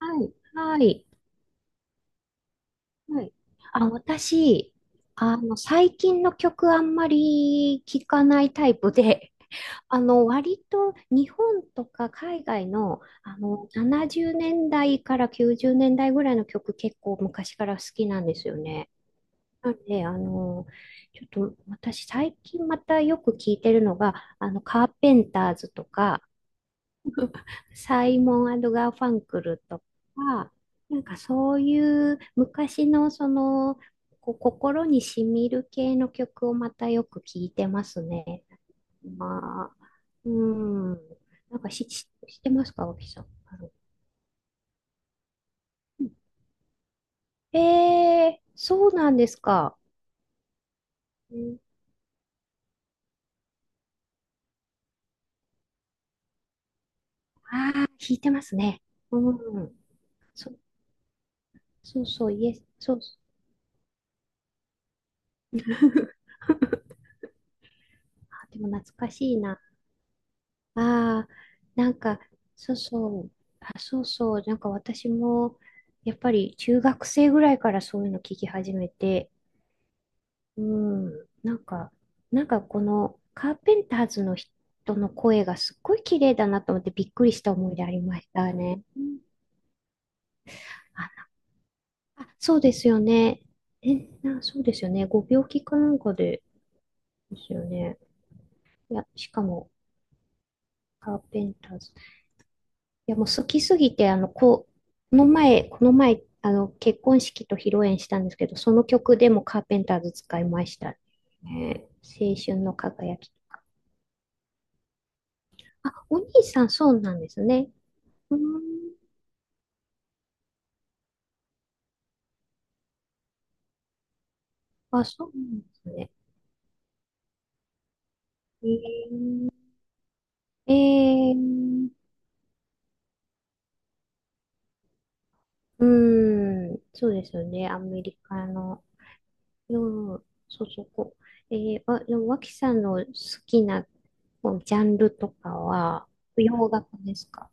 はい、はい、はい。あ、私、最近の曲あんまり聞かないタイプで、割と日本とか海外の、70年代から90年代ぐらいの曲結構昔から好きなんですよね。なんで、ちょっと私最近またよく聞いてるのが、カーペンターズとか、サイモン・アド・ガーファンクルとか、なんかそういう昔のその、こう心に染みる系の曲をまたよく聞いてますね。まあ、うん。なんかし知ってますか、脇さん。うん。そうなんですか。うん、ああ、弾いてますね。うん。そ、そうそう、イエス、そうそう。あ、でも懐かしいな。ああ、なんか、そうそう、あ、そうそう、なんか私も、やっぱり中学生ぐらいからそういうの聞き始めて、うん、なんかこのカーペンターズの人の声がすっごい綺麗だなと思ってびっくりした思い出ありましたね。うん。あ、そうですよね。え、そうですよね。ご病気かなんかでですよね。いや、しかも、カーペンターズ、いや、もう好きすぎて、こう、この前、結婚式と披露宴したんですけど、その曲でもカーペンターズ使いましたね。青春の輝きとか。あ、お兄さんそうなんですね。うーん。あ、そうなんですね。えー、えー、うーん、そうですよね。アメリカの。うん、そうそう、こう。あ、でも、脇さんの好きなこうジャンルとかは、洋楽ですか？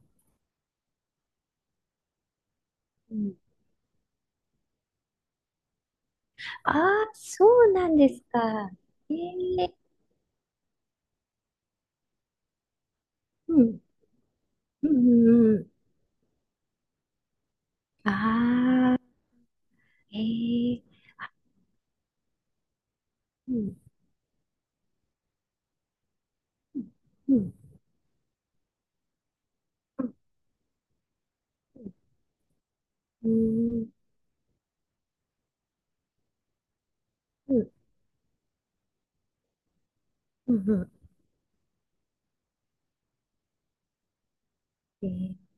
うん。ああ、そうなんですか。ええ。うん、うん、うん。ああ。ええ。うん、うん、うん、うん、うん、うん、うん。ええ。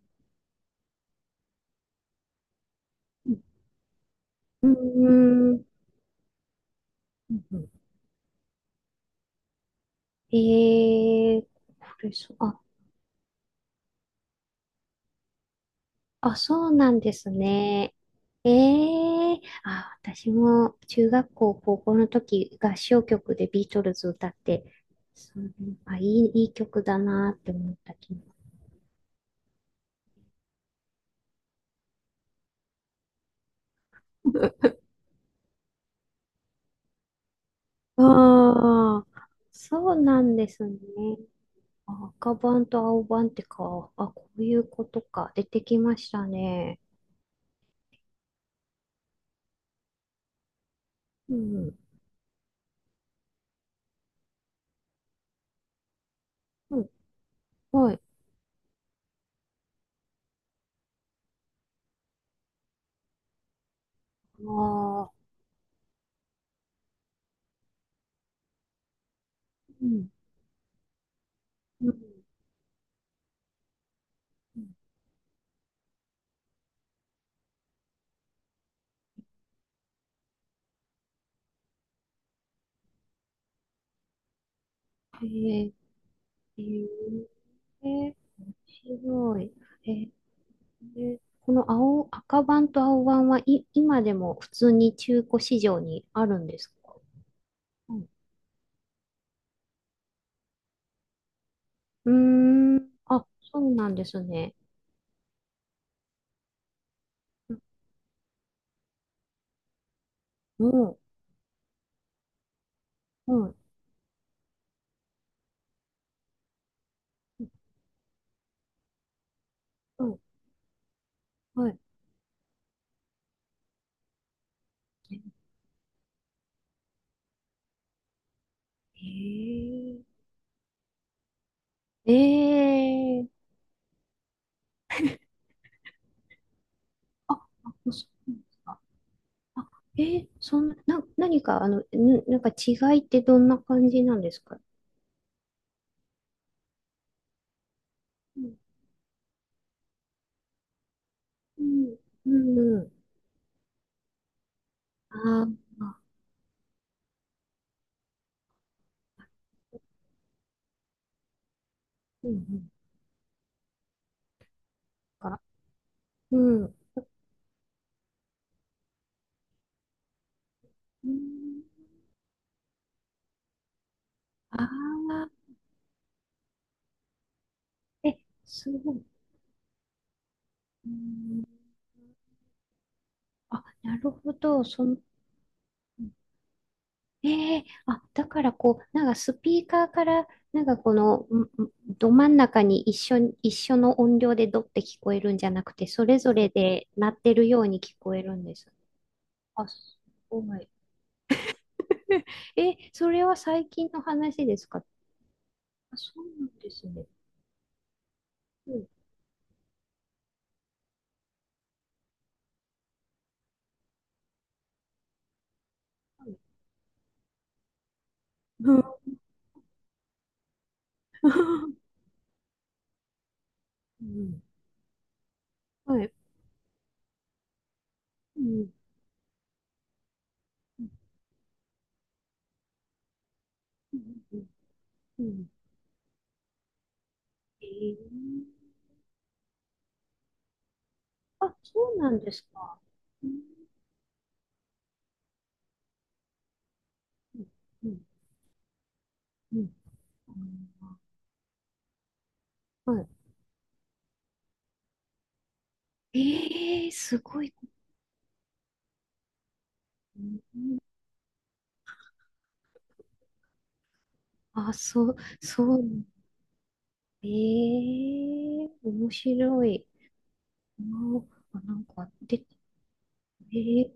うん、うん、うん。うん。ええ。これそう、あ、そうなんですね。ええ。あ、私も中学校、高校の時、合唱曲でビートルズ歌って、そう、あ、いい曲だなって思った気も。ああ、そうなんですね。あ、赤版と青版ってか、あ、こういうことか。出てきましたね。うん。うん。はい。ああ、うん。うん。うん。へえ、へえ、え白い。ええ、この青、赤版と青版、はい、今でも普通に中古市場にあるんですか？うん。うーん。あ、そうなんですね。うん。うん。うん。うん。はい。へえ。ええ。あ、あ、そうなんですか。あ、そんな、何か、なんか違いってどんな感じなんですか？うん、うん、うん、うん。あー、あ。うん、うん、か、うん、うん、ああ、え、すごい。うん、あ、なるほど、その、うん。ええ。あ、だからこう、なんかスピーカーから、なんかこの、ど真ん中に一緒に、一緒の音量でドって聞こえるんじゃなくて、それぞれで鳴ってるように聞こえるんです。あ、すごい。え、それは最近の話ですか？あ、そうなんですね。うん。はい。うん。はい。うん。うん。うん。うん。うん。うん。えあ、そうなんですか。うん。うん。うん。うん。あー。ええ。すごい。うん。あ、そう、そう。ええ。面白い。あ、なんか、で、ええ。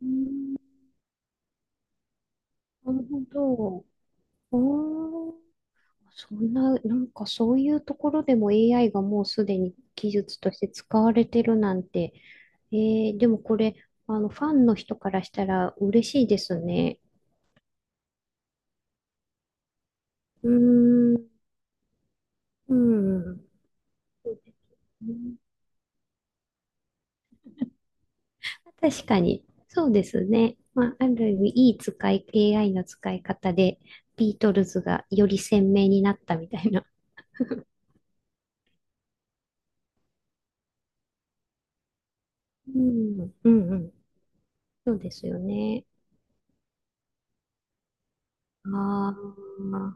うん。なるほど。おー。そんな、なんかそういうところでも AI がもうすでに技術として使われてるなんて。えでもこれ、ファンの人からしたら嬉しいですね。うーん、うん。確かに。そうですね。まあ、ある意味、いい使い、AI の使い方で、ビートルズがより鮮明になったみたいな。うん、うん、うん。そうですよね。あー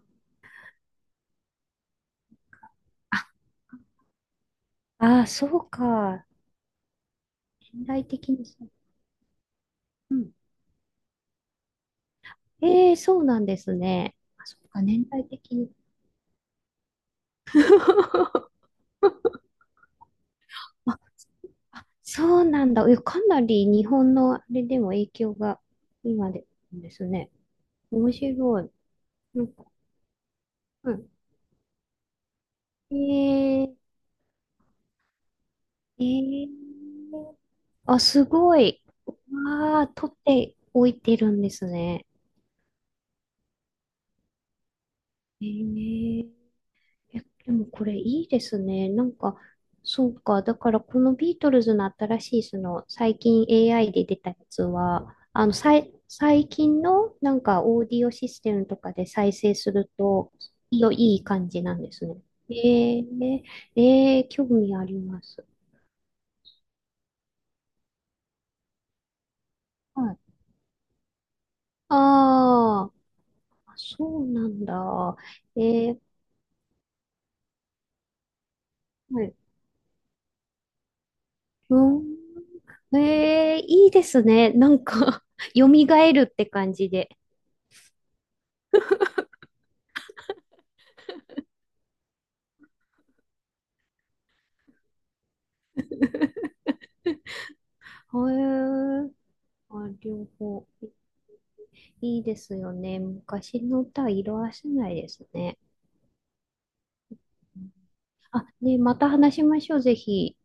あ、あー、そうか。年代的にそう。うん。ええ。そうなんですね。あ、そうか、年代的に。あ、そうなんだ。え、かなり日本のあれでも影響が今でですね。面白い。なんか、うん。ええええ、あ、すごい。わあ、取っておいてるんですね。えええ、でもこれいいですね。なんか、そうか。だからこのビートルズの新しい、最近 AI で出たやつは、最近のなんかオーディオシステムとかで再生すると、いいよ、いい感じなんですね。ええええ、興味あります。はい。ああ、そうなんだ。えーはい。うん。ええ。いいですね。なんか 蘇るって感じで。へえ。あ、両方。いいですよね。昔の歌は色褪せないですね。あ、ね、また話しましょう、ぜひ。